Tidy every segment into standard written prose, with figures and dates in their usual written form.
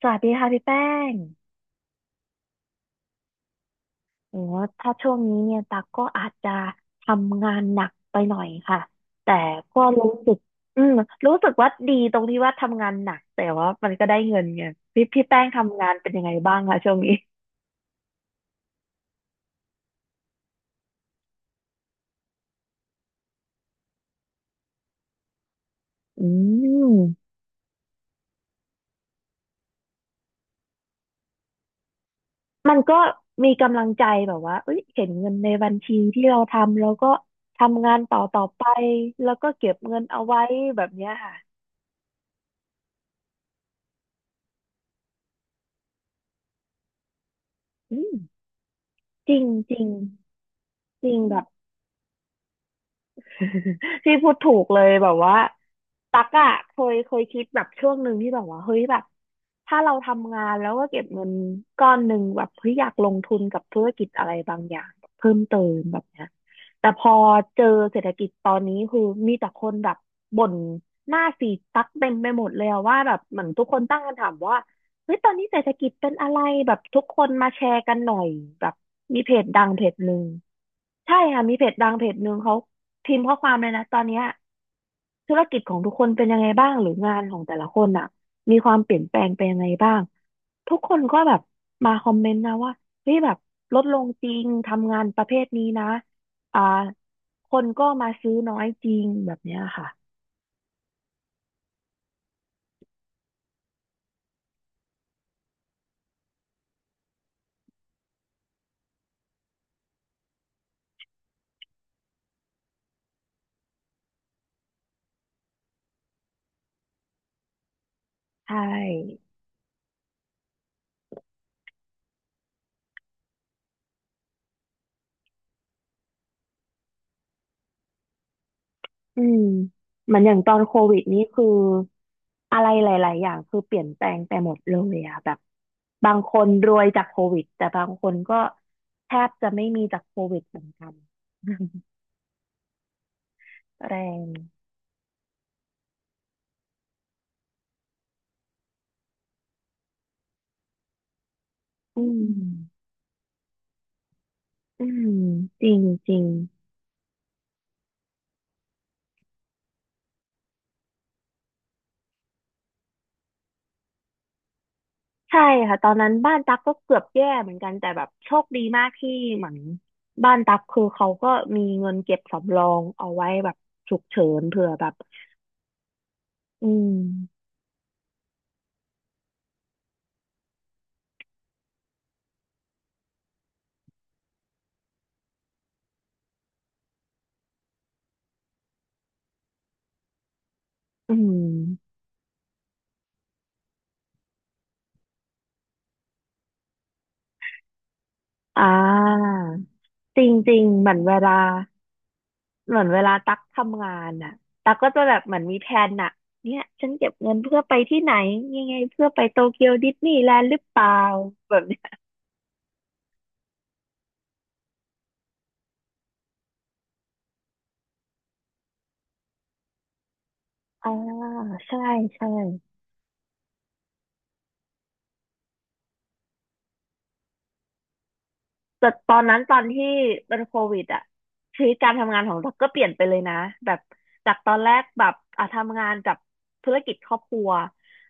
สวัสดีค่ะพี่แป้งโอ้ถ้าช่วงนี้เนี่ยตักก็อาจจะทำงานหนักไปหน่อยค่ะแต่ก็รู้สึกอืมรู้สึกว่าดีตรงที่ว่าทำงานหนักแต่ว่ามันก็ได้เงินไงพี่แป้งทำงานเป็นยังไงบ้างคะช่วงนี้อืมมันก็มีกำลังใจแบบว่าเอ้ยเห็นเงินในบัญชีที่เราทำแล้วก็ทำงานต่อไปแล้วก็เก็บเงินเอาไว้แบบเนี้ยค่ะอืมจริงจริงจริงแบบ พี่พูดถูกเลยแบบว่าตักอะเคยคิดแบบช่วงหนึ่งที่แบบว่าเฮ้ยแบบถ้าเราทำงานแล้วก็เก็บเงินก้อนหนึ่งแบบเฮ้ยอยากลงทุนกับธุรกิจอะไรบางอย่างเพิ่มเติมแบบเนี้ยแต่พอเจอเศรษฐกิจตอนนี้คือมีแต่คนแบบบ่นหน้าสีดตักเต็มไปหมดเลยอะว่าแบบเหมือนทุกคนตั้งคำถามว่าเฮ้ยตอนนี้เศรษฐกิจเป็นอะไรแบบทุกคนมาแชร์กันหน่อยแบบมีเพจดังเพจหนึ่ง ใช่ค่ะมีเพจดังเพจหนึ่งเขาพิมพ์ข้อความเลยนะตอนเนี้ยธุรกิจของทุกคนเป็นยังไงบ้างหรืองานของแต่ละคนอ่ะมีความเปลี่ยนแปลงไปยังไงบ้างทุกคนก็แบบมาคอมเมนต์นะว่าเฮ้ยแบบลดลงจริงทำงานประเภทนี้นะอ่าคนก็มาซื้อน้อยจริงแบบเนี้ยค่ะใช่ อืมเหมือนอย่างตอนโควิดนี่คืออะไรหลายๆอย่างคือเปลี่ยนแปลงไปหมดเลยอะแบบบางคนรวยจากโควิดแต่บางคนก็แทบจะไม่มีจากโควิดเหมือนกันอืมแรงอืมอืมจริงจริงใช่ค่ะตอนนั้นบ้านตั๊กก็เกือบแย่เหมือนกันแต่แบบโชคดีมากที่เหมือนบ้านตั๊กคือเขาก็มีเงินเก็บสำรองเอาไว้แบบฉุกเฉินเผื่อแบบอืมอืมอ่า จริงๆเหมือนเวลาเหมือนเวลาตักทำงานอ่ะตักก็จะแบบเหมือนมีแผนอ่ะเนี่ยฉันเก็บเงินเพื่อไปที่ไหน ยังไงเพื่อไปโตเกียวดิสนีย์แลนด์หรือเปล่าแบบเนี้ยอ่าใช่ใช่ แต่ตอนนั้นตอนที่เป็นโควิดอะชีวิตการทำงานของเราก็เปลี่ยนไปเลยนะแบบจากตอนแรกแบบอ่ะทำงานกับธุรกิจครอบครัว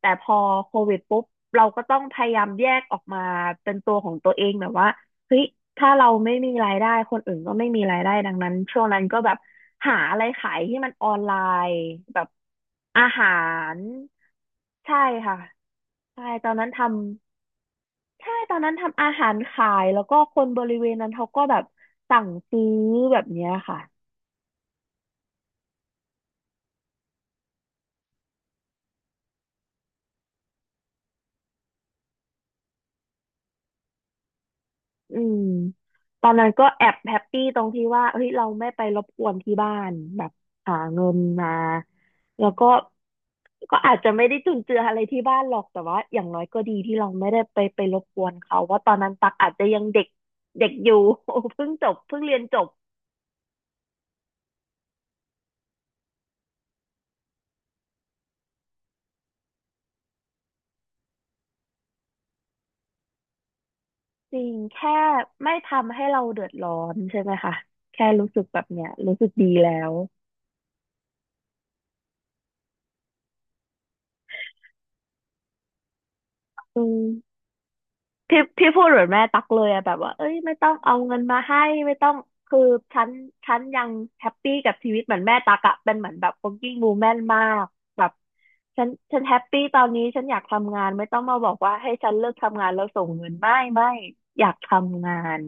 แต่พอโควิดปุ๊บเราก็ต้องพยายามแยกออกมาเป็นตัวของตัวเองแบบว่าเฮ้ยถ้าเราไม่มีรายได้คนอื่นก็ไม่มีรายได้ดังนั้นช่วงนั้นก็แบบหาอะไรขายที่มันออนไลน์แบบอาหารใช่ค่ะใช่ตอนนั้นทำ ใช่ตอนนั้นทำอาหารขายแล้วก็คนบริเวณนั้นเขาก็แบบสั่งซื้อแบบเนี้ยค่ะอืมตอนนั้นก็แอบแฮปปี้ตรงที่ว่าเฮ้ยเราไม่ไปรบกวนที่บ้านแบบหาเงินมาแล้วก็ก็อาจจะไม่ได้จุนเจืออะไรที่บ้านหรอกแต่ว่าอย่างน้อยก็ดีที่เราไม่ได้ไปไปรบกวนเขาว่าตอนนั้นตักอาจจะยังเด็กเด็กอยู่ เพิ่งจบเพิ่งเรียนจบจริงแค่ไม่ทำให้เราเดือดร้อนใช่ไหมคะแค่รู้สึกแบบเนี้ยรู้สึกดีแล้ว อืมพี่พูดเหมือนแม่ตักเลยอะแบบว่าเอ้ยไม่ต้องเอาเงินมาให้ไม่ต้องคือฉันฉันยังแฮปปี้กับชีวิตเหมือนแม่ตักอะเป็นเหมือนแบบ working woman มากแบบฉันแฮปปี้ตอนนี้ฉันอยากทำงานไม่ต้องมาบอกว่าให้ฉันเลิกทำงานแล้วส่งเงินไม่อยากทำงาน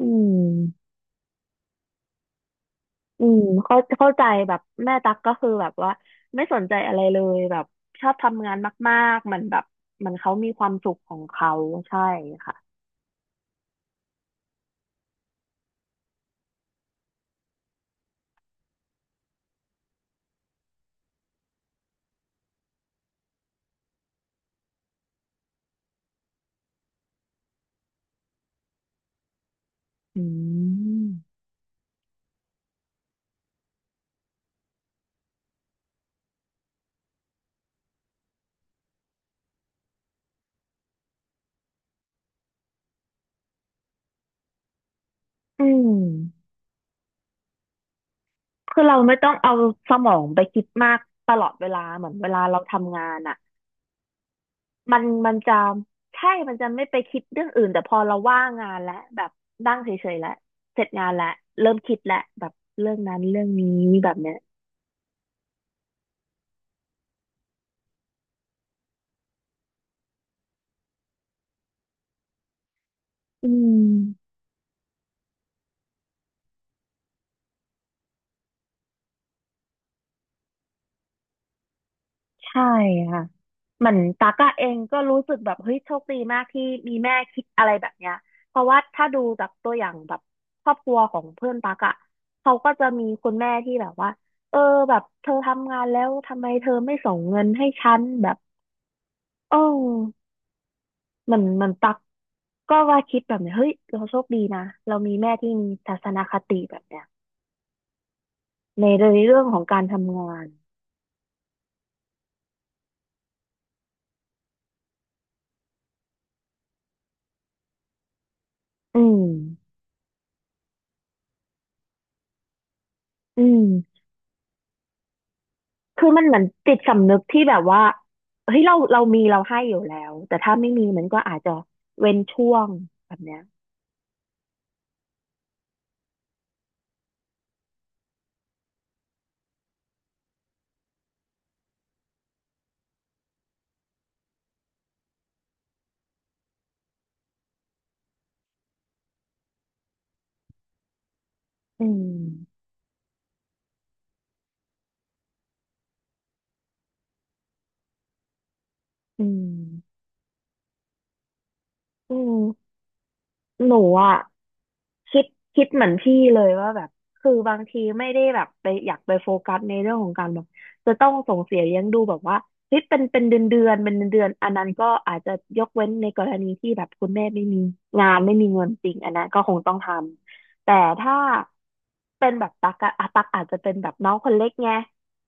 อืมอืมเข้าใจแบบแม่ตักก็คือแบบว่าไม่สนใจอะไรเลยแบบชอบทำงานมากๆมันแบบมันเขามีความสุขของเขาใช่ค่ะ อืมอืมคือเราไม่ต้องเอาสมองไปคิดมากตลอดเวลาเหมือนเวลาเราทำงานอ่ะมันจะใช่มันจะไม่ไปคิดเรื่องอื่นแต่พอเราว่างงานแล้วแบบนั่งเฉยๆแล้วเสร็จงานแล้วเริ่มคิดแล้วแบบเรื่องนั้นเรื่องนี้แบบเนี้ยอืม ใช่ค่ะเหมือนตากอะเองก็รู้สึกแบบเฮ้ยโชคดีมากที่มีแม่คิดอะไรแบบเนี้ยเพราะว่าถ้าดูจากตัวอย่างแบบครอบครัวของเพื่อนตากอะเขาก็จะมีคุณแม่ที่แบบว่าเออแบบเธอทำงานแล้วทำไมเธอไม่ส่งเงินให้ฉันแบบเออเหมือนเหมือนตักก็ว่าคิดแบบเนี้ยเฮ้ยเราโชคดีนะเรามีแม่ที่มีทัศนคติแบบเนี้ยในเรื่องของการทำงานอืมอืม คือมันเหมือนจิตสำนึกที่แบบว่าเฮ้ยเรามีเราให้อยู่แล้วแต่ถ้าไม่มีมันก็อาจจะเว้นช่วงแบบเนี้ยอืมอืมอืมหนูอ่ะ คิดคิดเหมือนพี่เลยว่าแบบคือบางทีไม่ได้แบบไปอยากไปโฟกัสในเรื่องของการแบบจะต้องส่งเสียเลี้ยงดูแบบว่าเฮ้ยเป็นเดือนเดือนเป็นเดือนเดือนอันนั้นก็อาจจะยกเว้นในกรณีที่แบบคุณแม่ไม่มีงานไม่มีเงินจริงอันนั้นก็คงต้องทำแต่ถ้าเป็นแบบตักอาจจะเป็นแบบน้องคนเล็กไง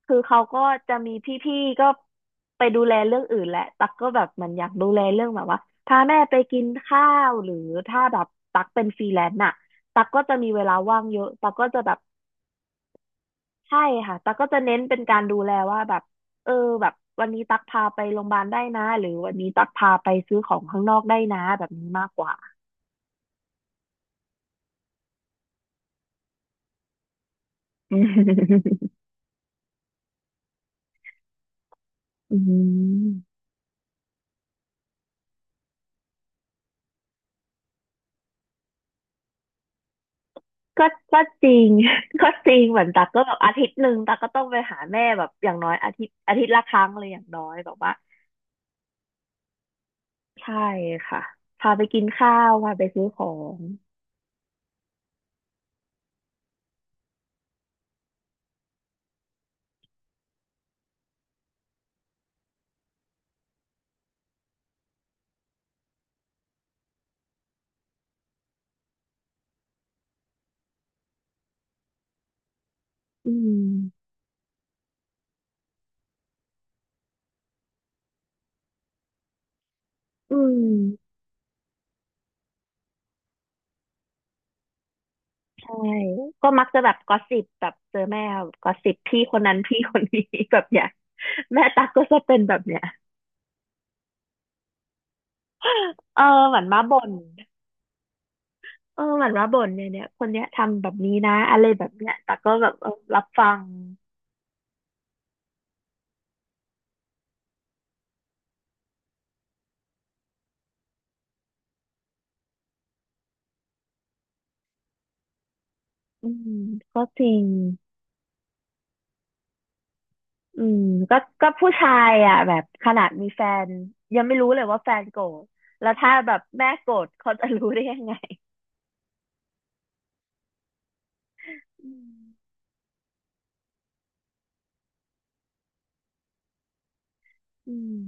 คือเขาก็จะมีพี่ๆก็ไปดูแลเรื่องอื่นแหละตักก็แบบมันอยากดูแลเรื่องแบบว่าพาแม่ไปกินข้าวหรือถ้าแบบตักเป็นฟรีแลนซ์น่ะ ตักก็จะมีเวลาว่างเยอะตักก็จะแบบใช่ค่ะตักก็จะเน้นเป็นการดูแลว่าแบบเออแบบวันนี้ตักพาไปโรงพยาบาลได้นะหรือวันนี้ตักพาไปซื้อของข้างนอกได้นะแบบนี้มากกว่า อืมอืมก็ก็จริง ก็จริงเหมือนตักก็แบบอาทิตย์หนึ่งตักก็ต้องไปหาแม่แบบอย่างน้อยอาทิตย์ละครั้งเลยอย่างน้อยแบบว่าใช่ค่ะพาไปกินข้าวพาไปซื้อของอืมอืม ใช่ก็มักจะแบบกอสซิปแบบเจอแม่กอสซิปพี่คนนั้นพี่คนนี้ แบบเนี้ยแม่ตั๊กก็จะเป็นแบบเนี้ยเออเหมือนมาบ่นเออเหมือนมาบ่นเนี่ยเนี่ยคนเนี้ยทำแบบนี้นะอะไรแบบเนี้ยตั๊กก็แบบเออรับฟังอืมก็จริงอืมก็ผู้ชายอ่ะแบบขนาดมีแฟนยังไม่รู้เลยว่าแฟนโกรธแล้วถ้าแบบแม่โกรธเขาจะรู้ได้ยังไงอืมอืม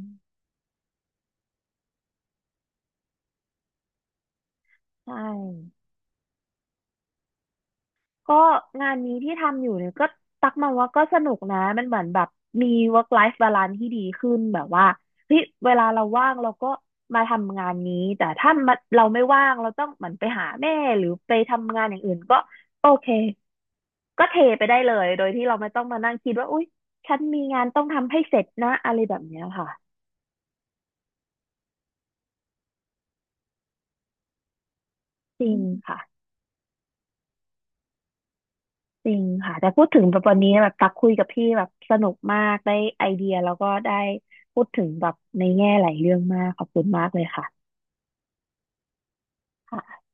ใช่ ก็งานนี้ที่ทำอยู่เนี่ยก็ตักมาว่าก็สนุกนะมันเหมือนแบบมี work life balance ที่ดีขึ้นแบบว่าเฮ้ยเวลาเราว่างเราก็มาทำงานนี้แต่ถ้ามันเราไม่ว่างเราต้องเหมือนไปหาแม่หรือไปทำงานอย่างอื่นก็โอเคก็เทไปได้เลยโดยที่เราไม่ต้องมานั่งคิดว่าอุ๊ยฉันมีงานต้องทำให้เสร็จนะอะไรแบบเนี้ยค่ะจริงค่ะ จริงค่ะแต่พูดถึงแบบวันนี้แบบตักคุยกับพี่แบบสนุกมากได้ไอเดียแล้วก็ได้พูดถึงแบบในแง่หลายเรื่องมากขอบคุณมากเลยค่ะค่ะ